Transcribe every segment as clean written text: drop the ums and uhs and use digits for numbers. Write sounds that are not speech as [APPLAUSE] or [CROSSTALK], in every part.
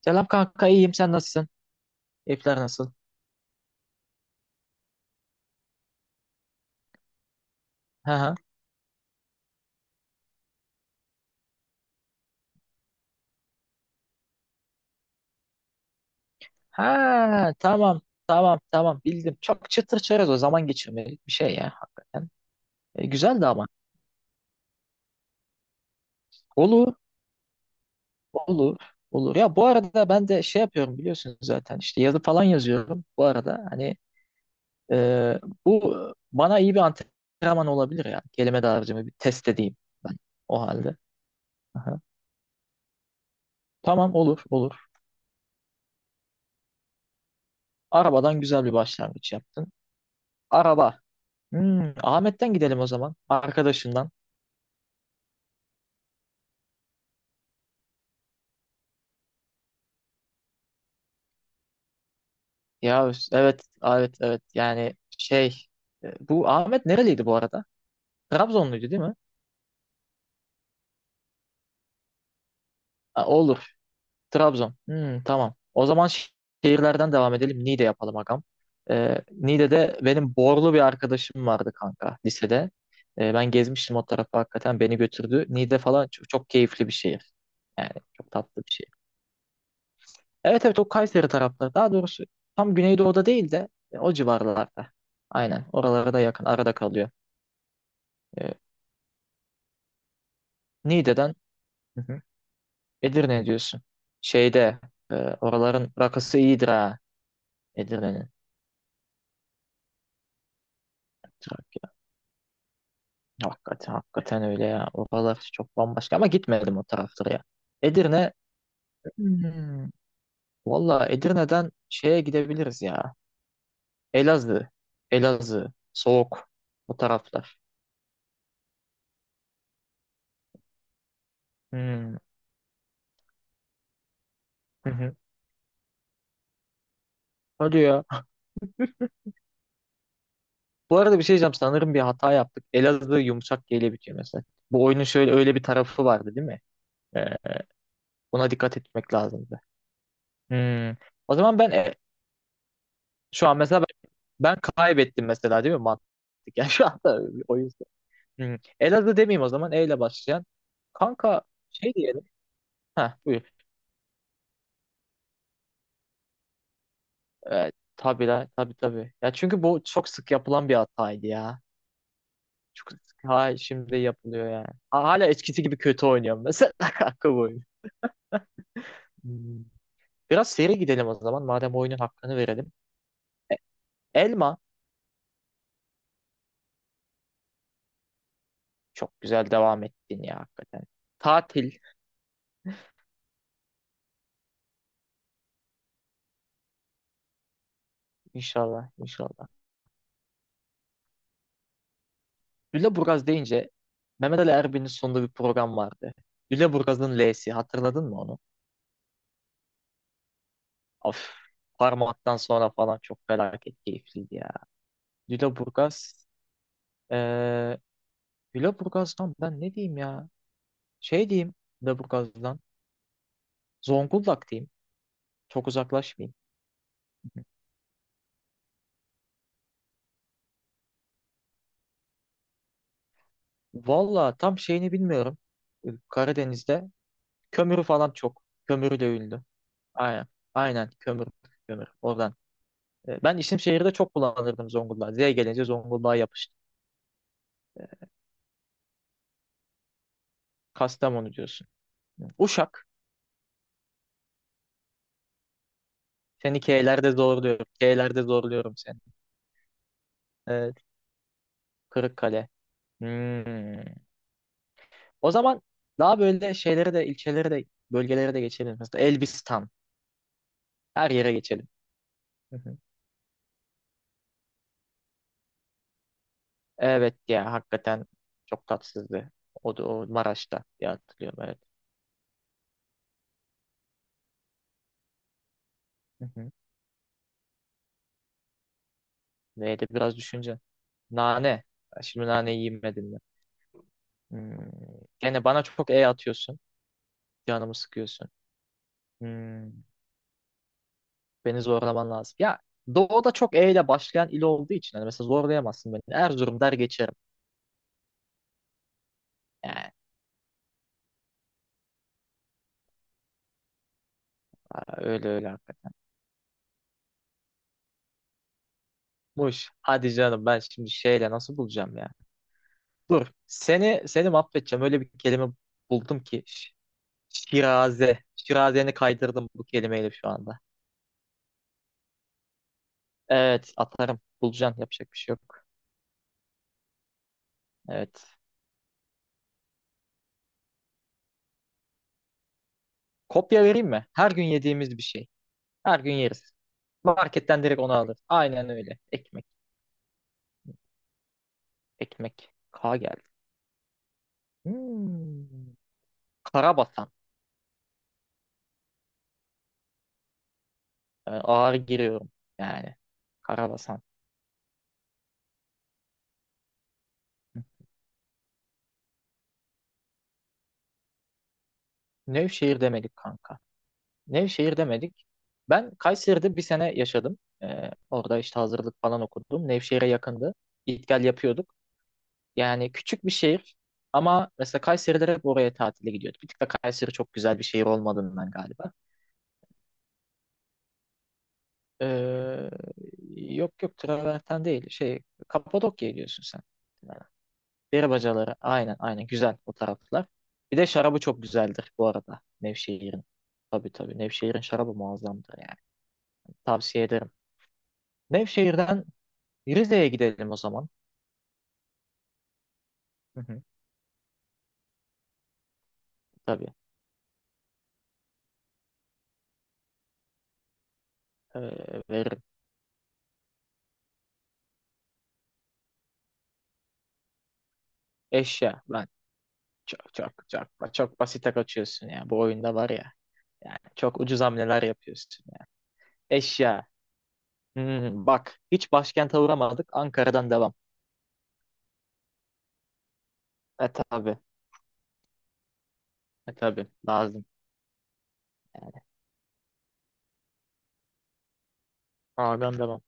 Selam kanka iyiyim sen nasılsın? Keyifler nasıl? Ha ha. Ha tamam tamam bildim. Çok çıtır çerez o zaman geçirmelik bir şey ya hakikaten. Güzel de ama. Olur olur olur. Ya bu arada ben de şey yapıyorum biliyorsunuz zaten işte yazı falan yazıyorum bu arada. Hani e, bu bana iyi bir antrenman olabilir ya. Kelime dağarcığımı bir test edeyim ben o halde. Aha. Tamam olur. Arabadan güzel bir başlangıç yaptın. Araba. Hmm, Ahmet'ten gidelim o zaman. Arkadaşından. Ya evet. Yani şey, bu Ahmet nereliydi bu arada? Trabzonluydu değil mi? Ha, olur, Trabzon. Hmm, tamam. O zaman şehirlerden devam edelim. Niğde yapalım agam. Niğde'de benim Borlu bir arkadaşım vardı kanka lisede. Ben gezmiştim o tarafa hakikaten beni götürdü. Niğde falan çok keyifli bir şehir. Yani çok tatlı bir şehir. Evet, o Kayseri tarafları. Daha doğrusu tam Güneydoğu'da değil de o civarlarda. Aynen oralara da yakın arada kalıyor. Ee, Niğde'den Hı hı. Edirne diyorsun. Şeyde oraların rakısı iyidir ha. Edirne'nin. Trakya. Hakikaten öyle ya. Oralar çok bambaşka ama gitmedim o taraflara ya. Edirne, hmm, valla Edirne'den şeye gidebiliriz ya. Elazığ. Elazığ. Soğuk. O taraflar. Hmm. Hı hı. Hadi ya. Bu arada bir şey diyeceğim. Sanırım bir hata yaptık. Elazığ yumuşak G ile bitiyor mesela. Bu oyunun şöyle öyle bir tarafı vardı değil mi? Ee, Buna dikkat etmek lazımdı. Hmm. O zaman ben, e, şu an mesela ben, ben kaybettim mesela değil mi mantık? [LAUGHS] Yani şu anda bir oyun. Hmm. Elazığ demeyeyim o zaman E ile başlayan. Kanka şey diyelim. Ha buyur. Evet, tabii la tabii. Ya çünkü bu çok sık yapılan bir hataydı ya. Çok sık ha, şimdi yapılıyor yani. Ha, hala eskisi gibi kötü oynuyorum mesela [LAUGHS] kanka bu oyunu. Hmm. Biraz seri gidelim o zaman madem oyunun hakkını verelim. Elma çok güzel devam ettin ya hakikaten. Tatil, inşallah inşallah. Lüleburgaz deyince Mehmet Ali Erbil'in sonunda bir program vardı. Lüleburgaz'ın L'si, hatırladın mı onu? Of, parmaktan sonra falan çok felaket keyifliydi ya. Lüleburgaz, eee Lüleburgaz'dan ben ne diyeyim ya? Şey diyeyim, Lüleburgaz'dan Zonguldak diyeyim. Çok uzaklaşmayayım. Valla tam şeyini bilmiyorum. Karadeniz'de kömürü falan çok. Kömürüyle ünlü. Aynen. Aynen kömür. Kömür. Oradan. Ben isim şehirde çok kullanırdım Zonguldak. Z gelince Zonguldak'a yapıştı. Kastamonu diyorsun. Uşak. Seni K'lerde zorluyorum. K'lerde zorluyorum seni. Evet. Kırıkkale. Hmm. O zaman daha böyle şeylere de, ilçelere de, bölgelere de geçelim. Mesela Elbistan. Her yere geçelim. Hı hı. Evet ya, hakikaten çok tatsızdı. O da o Maraş'ta diye hatırlıyorum, evet. Hı hı. Neydi, biraz düşünce. Nane. Ya şimdi nane yemedim ben. Hmm. Gene bana çok E atıyorsun. Canımı sıkıyorsun. Hmm. Beni zorlaman lazım. Ya Doğu'da çok E ile başlayan il olduğu için hani mesela zorlayamazsın beni. Erzurum der geçerim. Yani aa, öyle öyle hakikaten. Muş. Hadi canım ben şimdi şeyle nasıl bulacağım ya? Dur. Seni mahvedeceğim. Öyle bir kelime buldum ki. Şiraze. Şirazeni kaydırdım bu kelimeyle şu anda. Evet atarım. Bulacaksın. Yapacak bir şey yok. Evet. Kopya vereyim mi? Her gün yediğimiz bir şey. Her gün yeriz. Marketten direkt onu alır. Aynen öyle. Ekmek. Ekmek. K geldi. Hmm. Karabasan. Yani ağır giriyorum yani. Karabasan. Nevşehir demedik kanka. Nevşehir demedik. Ben Kayseri'de bir sene yaşadım. Orada işte hazırlık falan okudum. Nevşehir'e yakındı. Git gel yapıyorduk. Yani küçük bir şehir ama mesela Kayseri'de hep oraya tatile gidiyorduk. Bir tık da Kayseri çok güzel bir şehir olmadığından galiba. Ee, Yok yok, Traverten değil. Şey, Kapadokya'ya gidiyorsun sen. Peri bacaları. Aynen aynen, güzel o taraflar. Bir de şarabı çok güzeldir bu arada. Nevşehir'in. Tabii tabii. Nevşehir'in şarabı muazzamdır yani. Tavsiye ederim. Nevşehir'den Rize'ye gidelim o zaman. Hı hı, tabii. Ee, Veririm. Eşya. Ben çok basite kaçıyorsun ya. Bu oyunda var ya. Yani çok ucuz hamleler yapıyorsun ya. Eşya. Hmm, bak hiç başkente uğramadık. Ankara'dan devam. E tabii. E tabii. Lazım. Yani. Ağırdan devam.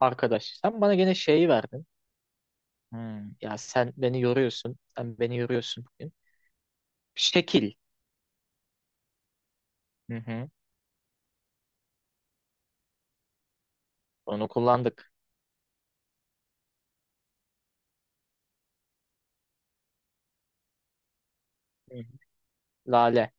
Arkadaş, sen bana gene şeyi verdin. Hmm, ya sen beni yoruyorsun. Sen beni yoruyorsun bugün. Şekil. Hı hı. Onu kullandık. Hı hı. Lale.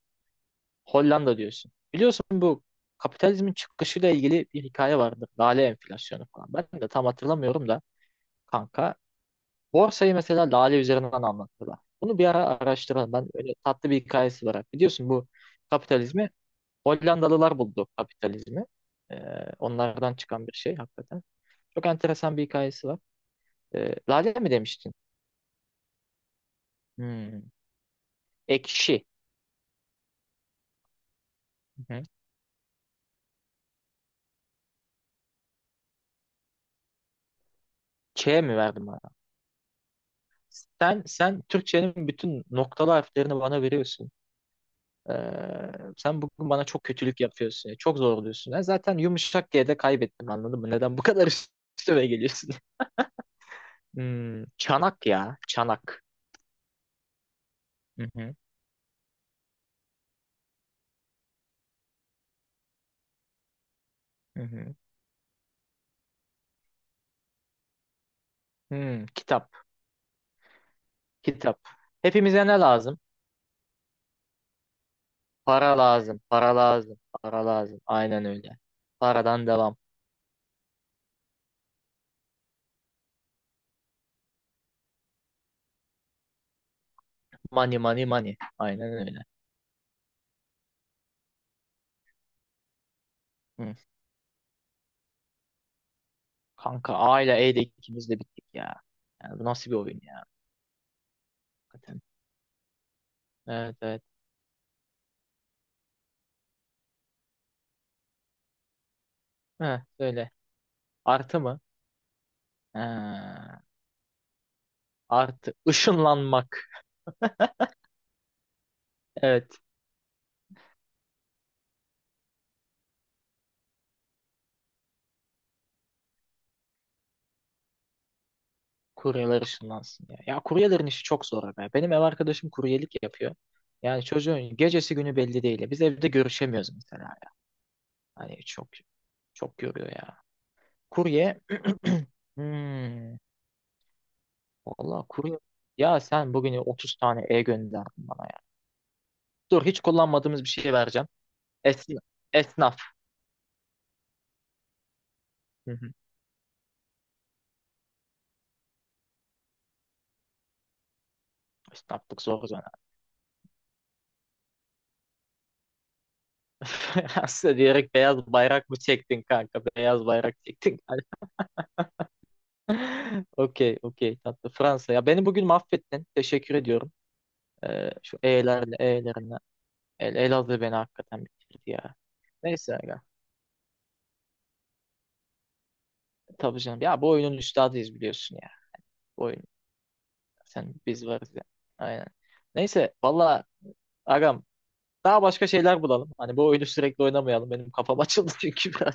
Hollanda diyorsun. Biliyorsun bu kapitalizmin çıkışıyla ilgili bir hikaye vardır. Lale enflasyonu falan. Ben de tam hatırlamıyorum da kanka. Borsayı mesela lale üzerinden anlattılar. Bunu bir ara araştıralım. Ben öyle, tatlı bir hikayesi var. Biliyorsun bu kapitalizmi, Hollandalılar buldu kapitalizmi. Ee, Onlardan çıkan bir şey hakikaten. Çok enteresan bir hikayesi var. Lale mi demiştin? Hmm. Ekşi. Hı hı. Ç mi verdim bana? Sen Türkçenin bütün noktalı harflerini bana veriyorsun. Ee, Sen bugün bana çok kötülük yapıyorsun. Çok zorluyorsun. Ben zaten yumuşak diye de kaybettim, anladın mı? Neden bu kadar [LAUGHS] üstüme geliyorsun? [LAUGHS] Hmm, çanak ya. Çanak. Hı hı. Hı hı. Hmm, kitap. Kitap. Hepimize ne lazım? Para lazım. Para lazım. Para lazım. Aynen öyle. Paradan devam. Money money money. Aynen öyle. Kanka A ile E'de ikimiz de bittik ya. Yani bu nasıl bir oyun ya, hakikaten. Evet evet. Heh, söyle. Artı mı? Ee, Artı. Işınlanmak. Evet. Kuryeler ışınlansın ya. Ya kuryelerin işi çok zor be. Benim ev arkadaşım kuryelik yapıyor. Yani çocuğun gecesi günü belli değil ya. Biz evde görüşemiyoruz mesela ya. Hani çok görüyor ya. Kurye. [CLEARS THROAT] Hmm. Valla kurye. Ya sen bugün 30 tane E gönderdin bana ya. Dur, hiç kullanmadığımız bir şey vereceğim. Esna, esnaf. Hı hı. Esnaflık zor zor. [LAUGHS] Aslında diyerek beyaz bayrak mı çektin kanka? Beyaz bayrak çektin. [LAUGHS] Okey, okey, tatlı. Fransa. Ya beni bugün mahvettin. Teşekkür ediyorum. Şu E'lerle, E'lerine. Elazığ beni hakikaten bitirdi ya. Neyse ya. Tabii canım. Ya bu oyunun üstadıyız, biliyorsun ya. Bu oyun. Sen biz varız ya. Aynen. Neyse. Valla agam. Daha başka şeyler bulalım. Hani bu oyunu sürekli oynamayalım. Benim kafam açıldı [LAUGHS] çünkü biraz.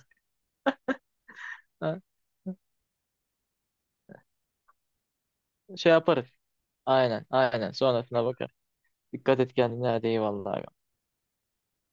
Ha, şey yaparız. Aynen aynen, sonrasına bakar. Dikkat et kendine, hadi eyvallah abi.